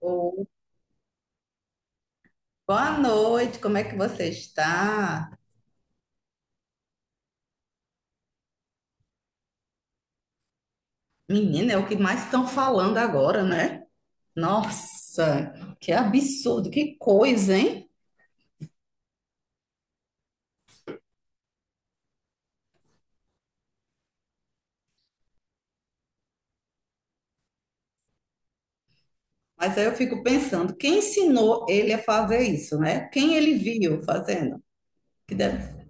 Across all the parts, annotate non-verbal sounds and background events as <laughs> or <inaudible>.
Ô, boa noite, como é que você está? Menina, é o que mais estão falando agora, né? Nossa, que absurdo, que coisa, hein? Mas aí eu fico pensando, quem ensinou ele a fazer isso, né? Quem ele viu fazendo? Que deve-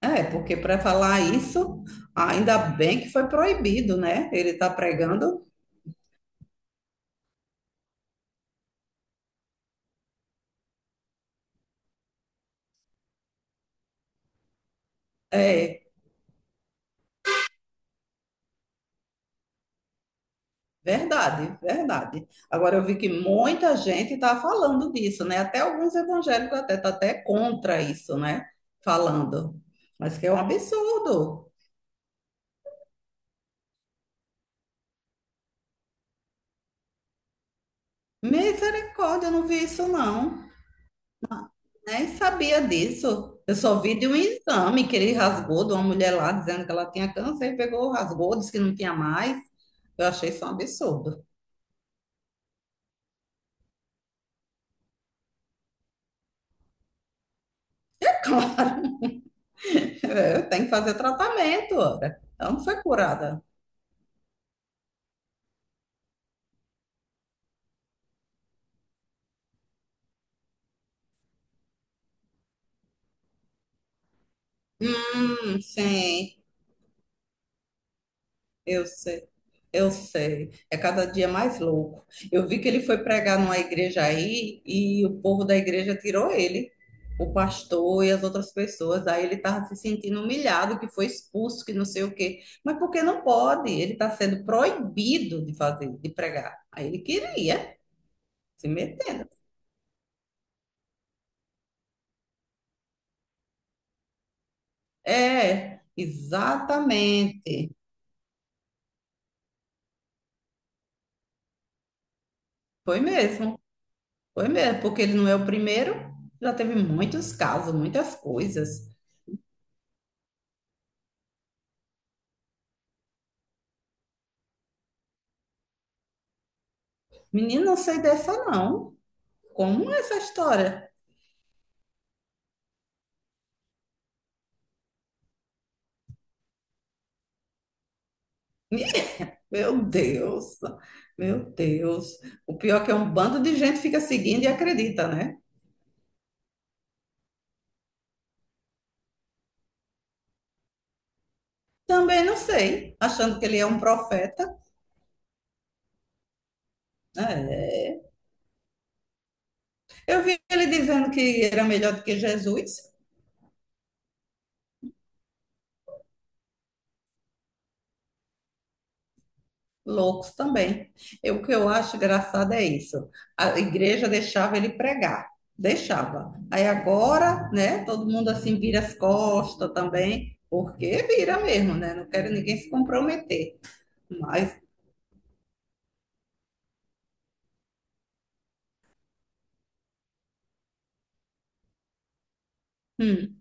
É, porque para falar isso, ainda bem que foi proibido, né? Ele está pregando é. Verdade, verdade. Agora eu vi que muita gente está falando disso, né? Até alguns evangélicos até tá até contra isso, né? Falando. Mas que é um absurdo. Misericórdia, eu não vi isso não. Nem sabia disso. Eu só vi de um exame que ele rasgou de uma mulher lá dizendo que ela tinha câncer e pegou, rasgou, disse que não tinha mais. Eu achei isso um absurdo. <laughs> Eu tenho que fazer tratamento, ora. Ela não foi curada. Sim, eu sei. Eu sei, é cada dia mais louco. Eu vi que ele foi pregar numa igreja aí e o povo da igreja tirou ele, o pastor e as outras pessoas. Aí ele estava se sentindo humilhado, que foi expulso, que não sei o quê. Mas porque não pode? Ele está sendo proibido de fazer, de pregar. Aí ele queria, se metendo. É, exatamente. Foi mesmo, foi mesmo, porque ele não é o primeiro. Já teve muitos casos, muitas coisas. Menino, não sei dessa não. Como é essa história? Meu Deus, meu Deus. O pior é que é um bando de gente fica seguindo e acredita, né? Também não sei, achando que ele é um profeta. É. Eu vi ele dizendo que era melhor do que Jesus. Loucos também. Eu, o que eu acho engraçado é isso. A igreja deixava ele pregar, deixava. Aí agora, né, todo mundo assim vira as costas também, porque vira mesmo, né? Não quero ninguém se comprometer. Mas, hum,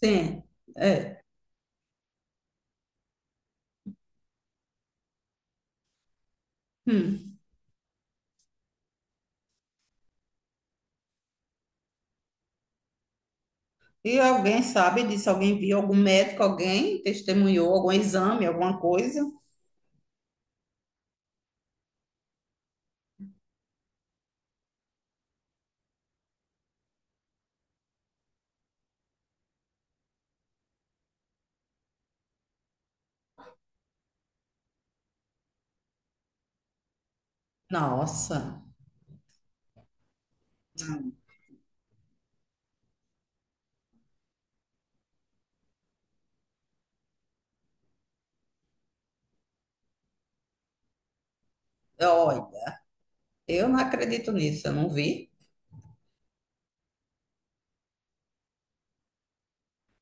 sim, é. Hum. E alguém sabe disso? Alguém viu? Algum médico? Alguém testemunhou? Algum exame? Alguma coisa? Nossa, olha, eu não acredito nisso, eu não vi.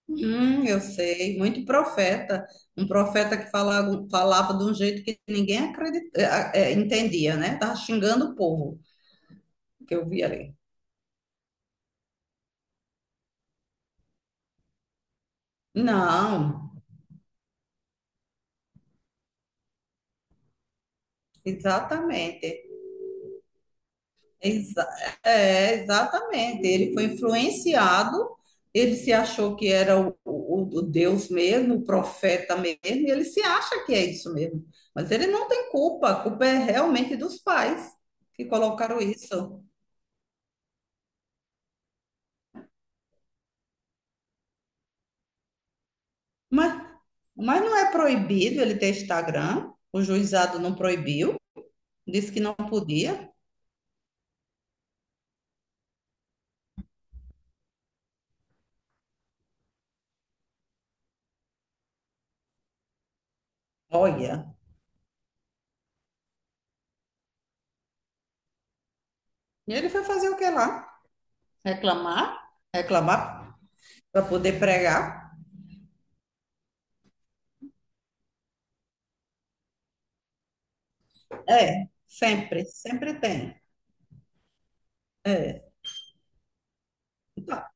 Eu sei, muito profeta. Um profeta que falava, falava de um jeito que ninguém entendia, né? Tava xingando o povo que eu vi ali. Não, exatamente. Exa- é, exatamente. Ele foi influenciado, ele se achou que era o Deus mesmo, o profeta mesmo, e ele se acha que é isso mesmo. Mas ele não tem culpa, a culpa é realmente dos pais que colocaram isso. Mas, mas não é proibido ele ter Instagram, o juizado não proibiu, disse que não podia. Olha, e ele foi fazer o que lá? Reclamar? Reclamar para poder pregar? É, sempre, sempre tem. Tá.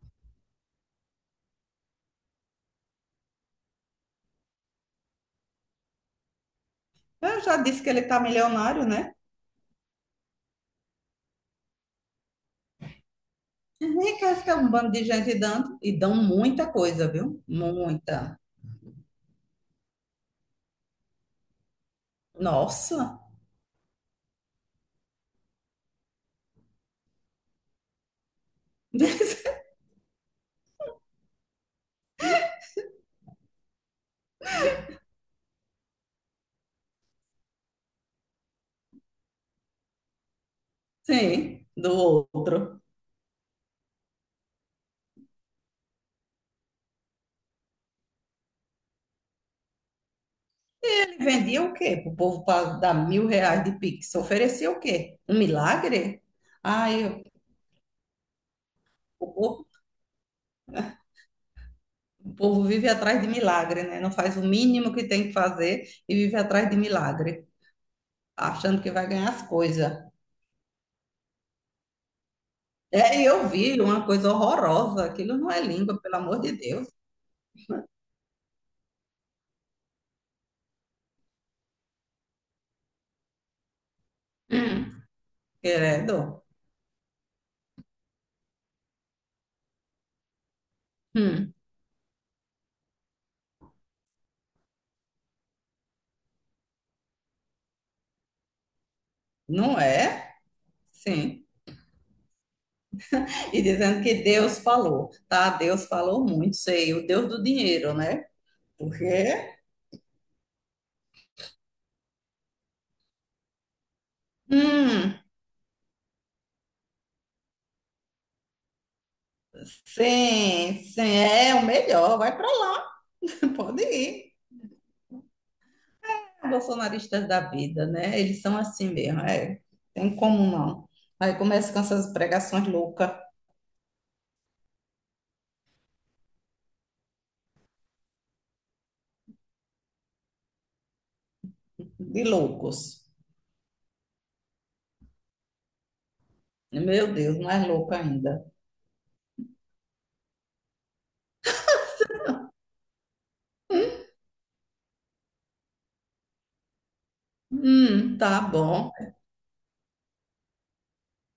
Eu já disse que ele tá milionário, né? Enriquece que é um bando de gente dando e dão muita coisa, viu? Muita. Nossa. <laughs> Sim, do outro. Ele vendia o quê? Pro povo pra dar R$ 1.000 de Pix. Oferecia o quê? Um milagre? Ai, o povo, o povo vive atrás de milagre, né? Não faz o mínimo que tem que fazer e vive atrás de milagre, achando que vai ganhar as coisas. É, e eu vi uma coisa horrorosa. Aquilo não é língua, pelo amor de Deus. Credo. Hum. Não é? Sim. E dizendo que Deus falou, tá? Deus falou muito, sei, o Deus do dinheiro, né? Porque, hum, sim, sim, é o melhor, vai pra lá, <laughs> pode ir. Bolsonaristas da vida, né? Eles são assim mesmo, é. Tem como não. Aí começa com essas pregações loucas, de loucos. Meu Deus, mais louco ainda. Tá bom.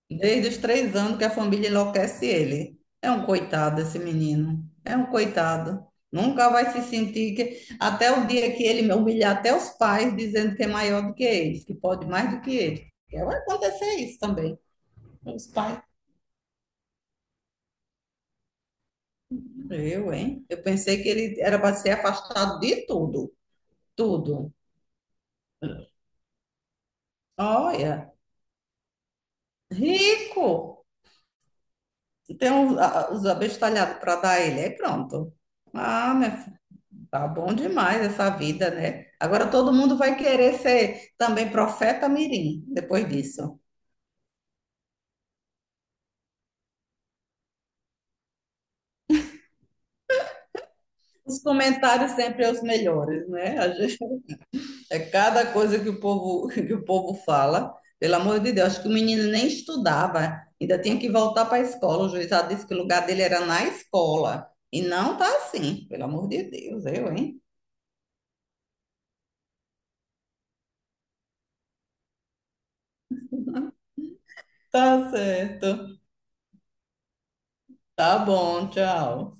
Desde os 3 anos que a família enlouquece ele. É um coitado esse menino. É um coitado. Nunca vai se sentir que. Até o dia que ele humilhar até os pais, dizendo que é maior do que eles, que pode mais do que eles. Porque vai acontecer isso também. Os pais. Eu, hein? Eu pensei que ele era para ser afastado de tudo. Tudo. Olha, rico. Os abestalhados para dar a ele, aí pronto. Ah, minha filha, tá bom demais essa vida, né? Agora todo mundo vai querer ser também profeta mirim depois disso. Os comentários sempre são os melhores, né? <laughs> É cada coisa que <laughs> que o povo fala. Pelo amor de Deus, acho que o menino nem estudava, ainda tinha que voltar para a escola. O juiz já disse que o lugar dele era na escola. E não tá assim, pelo amor de Deus, eu, hein? Tá certo. Tá bom, tchau.